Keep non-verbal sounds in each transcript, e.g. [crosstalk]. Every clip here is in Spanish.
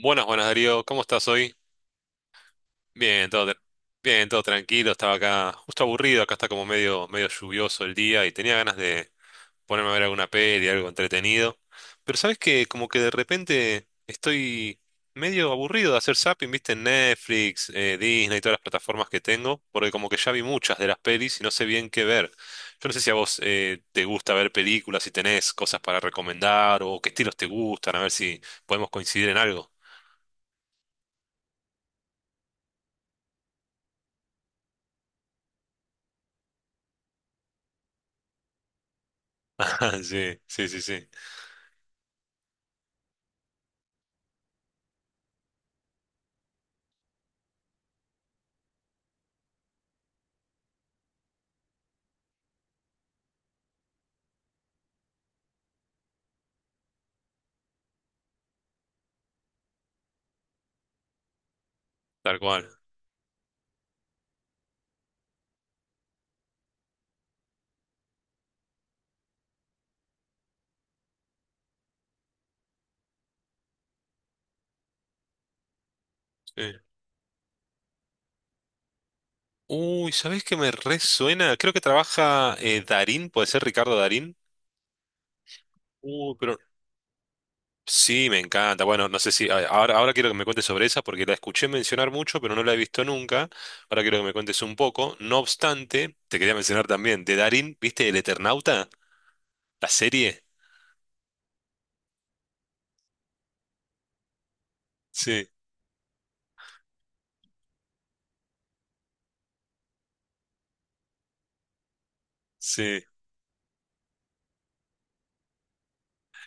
Buenas, buenas Darío, ¿cómo estás hoy? Bien, todo, tra- Bien, todo tranquilo, estaba acá justo aburrido, acá está como medio, medio lluvioso el día y tenía ganas de ponerme a ver alguna peli, algo entretenido. Pero sabes que como que de repente estoy medio aburrido de hacer zapping, viste, en Netflix, Disney y todas las plataformas que tengo, porque como que ya vi muchas de las pelis y no sé bien qué ver. Yo no sé si a vos te gusta ver películas, si tenés cosas para recomendar o qué estilos te gustan, a ver si podemos coincidir en algo. [laughs] Sí, sí, sí, sí, tal cual. Sí. Uy, ¿sabés qué me resuena? Creo que trabaja Darín, puede ser Ricardo Darín. Uy, pero sí, me encanta. Bueno, no sé si a- ahora, ahora quiero que me cuentes sobre esa porque la escuché mencionar mucho, pero no la he visto nunca. Ahora quiero que me cuentes un poco. No obstante, te quería mencionar también de Darín, ¿viste El Eternauta? La serie. Sí, sí.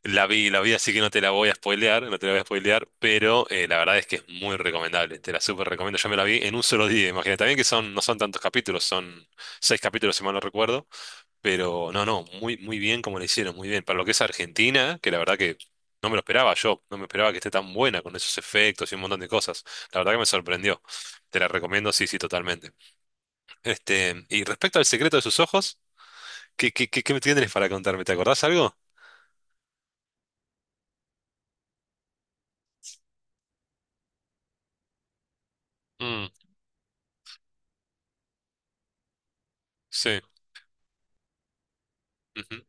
La vi, así que no te la voy a spoilear, no te la voy a spoilear, pero la verdad es que es muy recomendable, te la súper recomiendo. Yo me la vi en un solo día, imagínate. También que son, no son tantos capítulos, son 6 capítulos, si mal no recuerdo, pero no, no, muy, muy bien como le hicieron, muy bien. Para lo que es Argentina, que la verdad que no me lo esperaba yo, no me esperaba que esté tan buena con esos efectos y un montón de cosas. La verdad que me sorprendió. Te la recomiendo, sí, sí, totalmente. Este, y respecto al secreto de sus ojos, ¿qué, qué, qué, qué me tienes para contarme? ¿Te acordás algo? Mm, sí, ujú,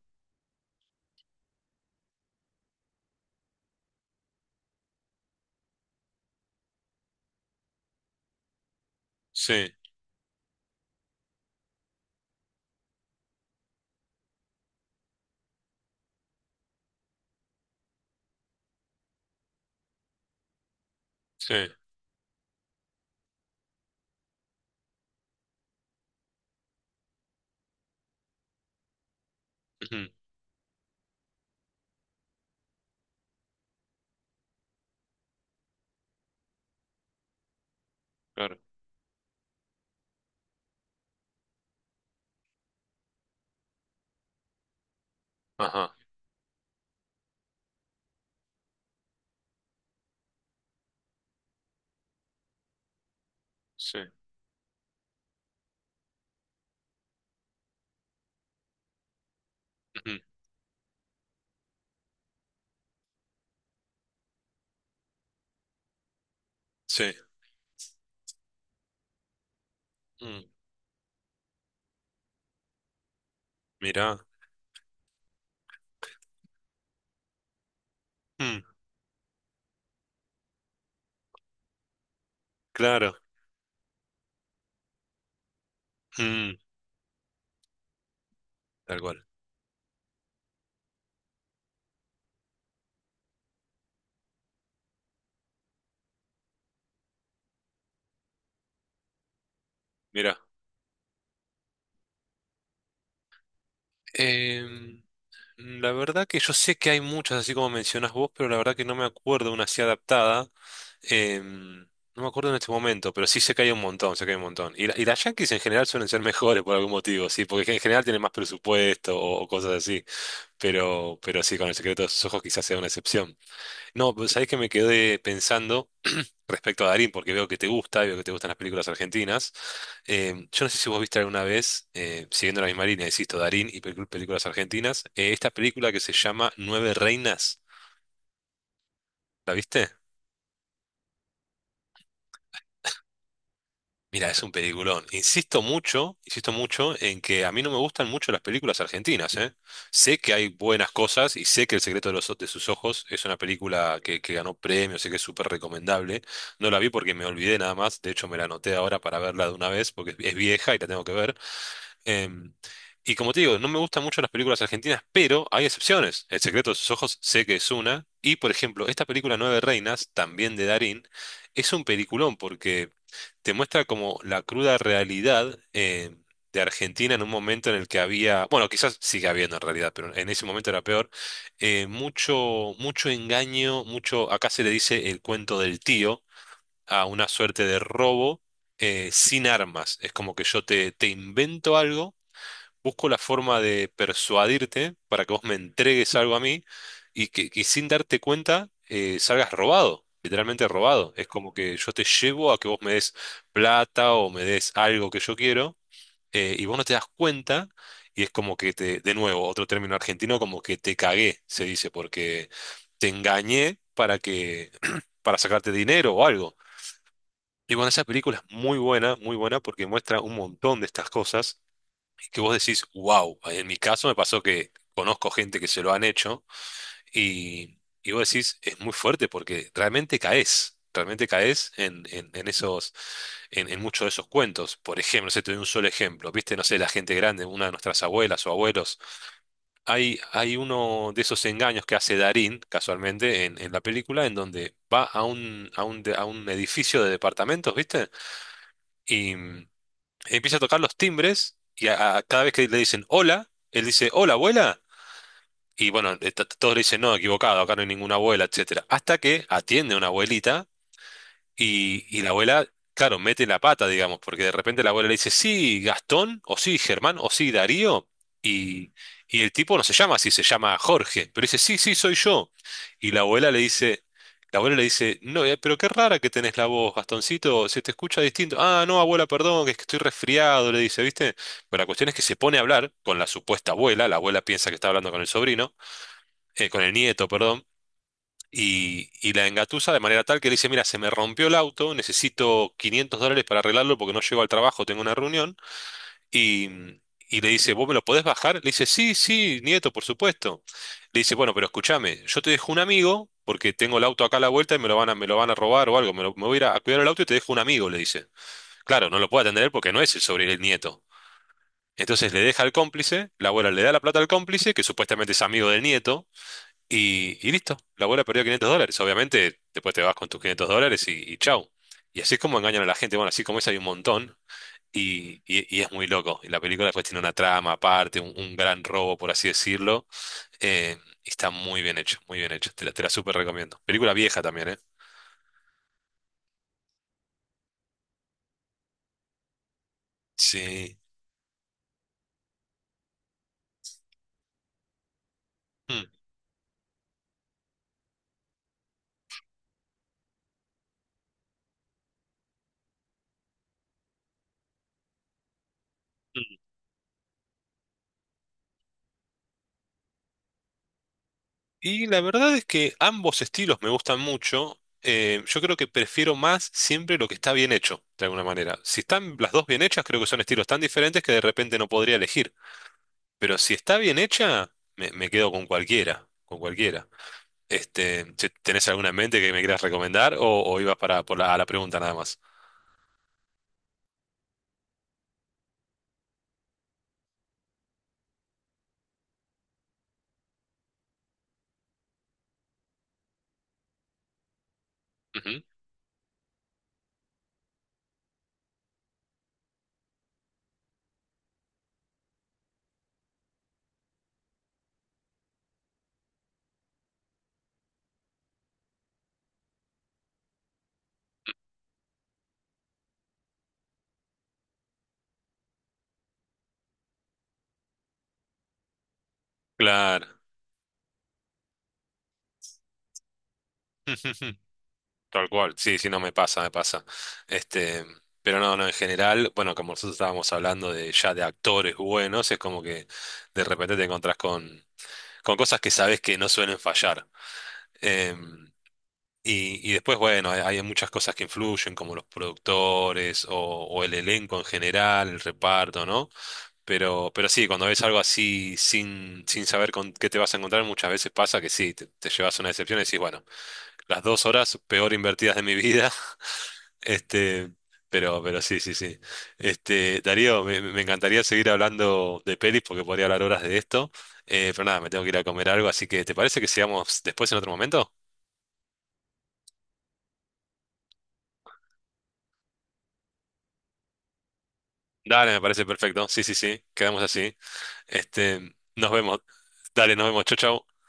sí. Sí, ujú, claro. Ajá, sí, ujú, sí. Mm, mira, mm, claro, mm, tal cual. Mira, em, la verdad que yo sé que hay muchas, así como mencionas vos, pero la verdad que no me acuerdo una así adaptada. em, no me acuerdo en este momento, pero sí sé que hay un montón, sé que hay un montón. Y las Yankees en general suelen ser [laughs] mejores por algún motivo, sí, porque en general tienen más presupuesto o cosas así. Pero sí, con el secreto de sus ojos quizás sea una excepción. No, pues sabés que me quedé pensando respecto a Darín, porque veo que te gusta, y veo que te gustan las películas argentinas. Yo no sé si vos viste alguna vez, siguiendo la misma línea, insisto, Darín y películas argentinas, esta película que se llama Nueve Reinas, ¿la viste? Mira, es un peliculón. Insisto mucho en que a mí no me gustan mucho las películas argentinas, ¿eh? Sé que hay buenas cosas y sé que El secreto de los, de sus ojos es una película que ganó premios, sé que es súper recomendable. No la vi porque me olvidé nada más, de hecho me la anoté ahora para verla de una vez porque es vieja y la tengo que ver. Em, y como te digo, no me gustan mucho las películas argentinas, pero hay excepciones. El secreto de sus ojos sé que es una. Y por ejemplo, esta película Nueve Reinas, también de Darín, es un peliculón porque te muestra como la cruda realidad de Argentina en un momento en el que había, bueno, quizás sigue habiendo en realidad, pero en ese momento era peor, mucho, mucho engaño, mucho, acá se le dice el cuento del tío, a una suerte de robo sin armas. Es como que te invento algo, busco la forma de persuadirte para que vos me entregues algo a mí y que sin darte cuenta salgas robado, literalmente robado. Es como que yo te llevo a que vos me des plata o me des algo que yo quiero, y vos no te das cuenta y es como que te, de nuevo, otro término argentino, como que te cagué, se dice, porque te engañé para que, [clears throat] para sacarte dinero o algo. Y bueno, esa película es muy buena porque muestra un montón de estas cosas que vos decís, wow, en mi caso me pasó que conozco gente que se lo han hecho y vos decís, es muy fuerte porque realmente caes en esos, en muchos de esos cuentos. Por ejemplo, se te doy un solo ejemplo, viste, no sé, la gente grande, una de nuestras abuelas o abuelos, hay uno de esos engaños que hace Darín, casualmente, en la película, en donde va a un, a un edificio de departamentos, viste, y empieza a tocar los timbres cada vez que le dicen hola, él dice hola abuela. Y bueno, todos le dicen no, equivocado, acá no hay ninguna abuela, etcétera. Hasta que atiende una abuelita y la abuela, claro, mete la pata, digamos, porque de repente la abuela le dice, sí, Gastón, o sí, Germán, o sí, Darío. Y, y el tipo no se llama así, se llama Jorge, pero dice, sí, sí, soy yo. Y la abuela le dice, la abuela le dice, no, pero qué rara que tenés la voz, Gastoncito, se te escucha distinto. Ah, no, abuela, perdón, que es que estoy resfriado, le dice, ¿viste? Pero la cuestión es que se pone a hablar con la supuesta abuela, la abuela piensa que está hablando con el sobrino, con el nieto, perdón. Y la engatusa de manera tal que le dice, mira, se me rompió el auto, necesito $500 para arreglarlo porque no llego al trabajo, tengo una reunión. Y, y le dice, ¿vos me lo podés bajar? Le dice, sí, sí, nieto, por supuesto. Le dice, bueno, pero escúchame, yo te dejo un amigo porque tengo el auto acá a la vuelta y me lo van a, me lo van a robar o algo, me voy a ir a cuidar el auto y te dejo un amigo, le dice. Claro, no lo puede atender porque no es el sobre el nieto. Entonces le deja al cómplice, la abuela le da la plata al cómplice, que supuestamente es amigo del nieto y listo, la abuela perdió $500. Obviamente, después te vas con tus $500 y chau. Y así es como engañan a la gente. Bueno, así como es, hay un montón. Y es muy loco. Y la película después tiene una trama aparte, un gran robo, por así decirlo. Eh, y está muy bien hecho, muy bien hecho. Te la súper recomiendo. Película vieja también, ¿eh? Sí. Mm. Y la verdad es que ambos estilos me gustan mucho. Yo creo que prefiero más siempre lo que está bien hecho, de alguna manera. Si están las dos bien hechas, creo que son estilos tan diferentes que de repente no podría elegir. Pero si está bien hecha, me quedo con cualquiera, con cualquiera. Este, che, ¿tenés alguna en mente que me quieras recomendar o ibas para por la, a la pregunta nada más? Ujú, claro. [laughs] Tal cual, sí, sí, no me pasa, me pasa. Este, pero no, no, en general, bueno, como nosotros estábamos hablando de ya de actores buenos, es como que de repente te encontrás con cosas que sabes que no suelen fallar. Em, y después, bueno, hay muchas cosas que influyen, como los productores o el elenco en general, el reparto, ¿no? Pero sí, cuando ves algo así sin, sin saber con qué te vas a encontrar, muchas veces pasa que sí, te llevas una decepción y decís, bueno, las 2 horas peor invertidas de mi vida. Este, pero sí, sí, sí. Este, Darío, me encantaría seguir hablando de pelis porque podría hablar horas de esto. Pero nada, me tengo que ir a comer algo, así que ¿te parece que sigamos después en otro momento? Dale, me parece perfecto. Sí, sí, sí. Quedamos así. Este, nos vemos. Dale, nos vemos. Chau, chau.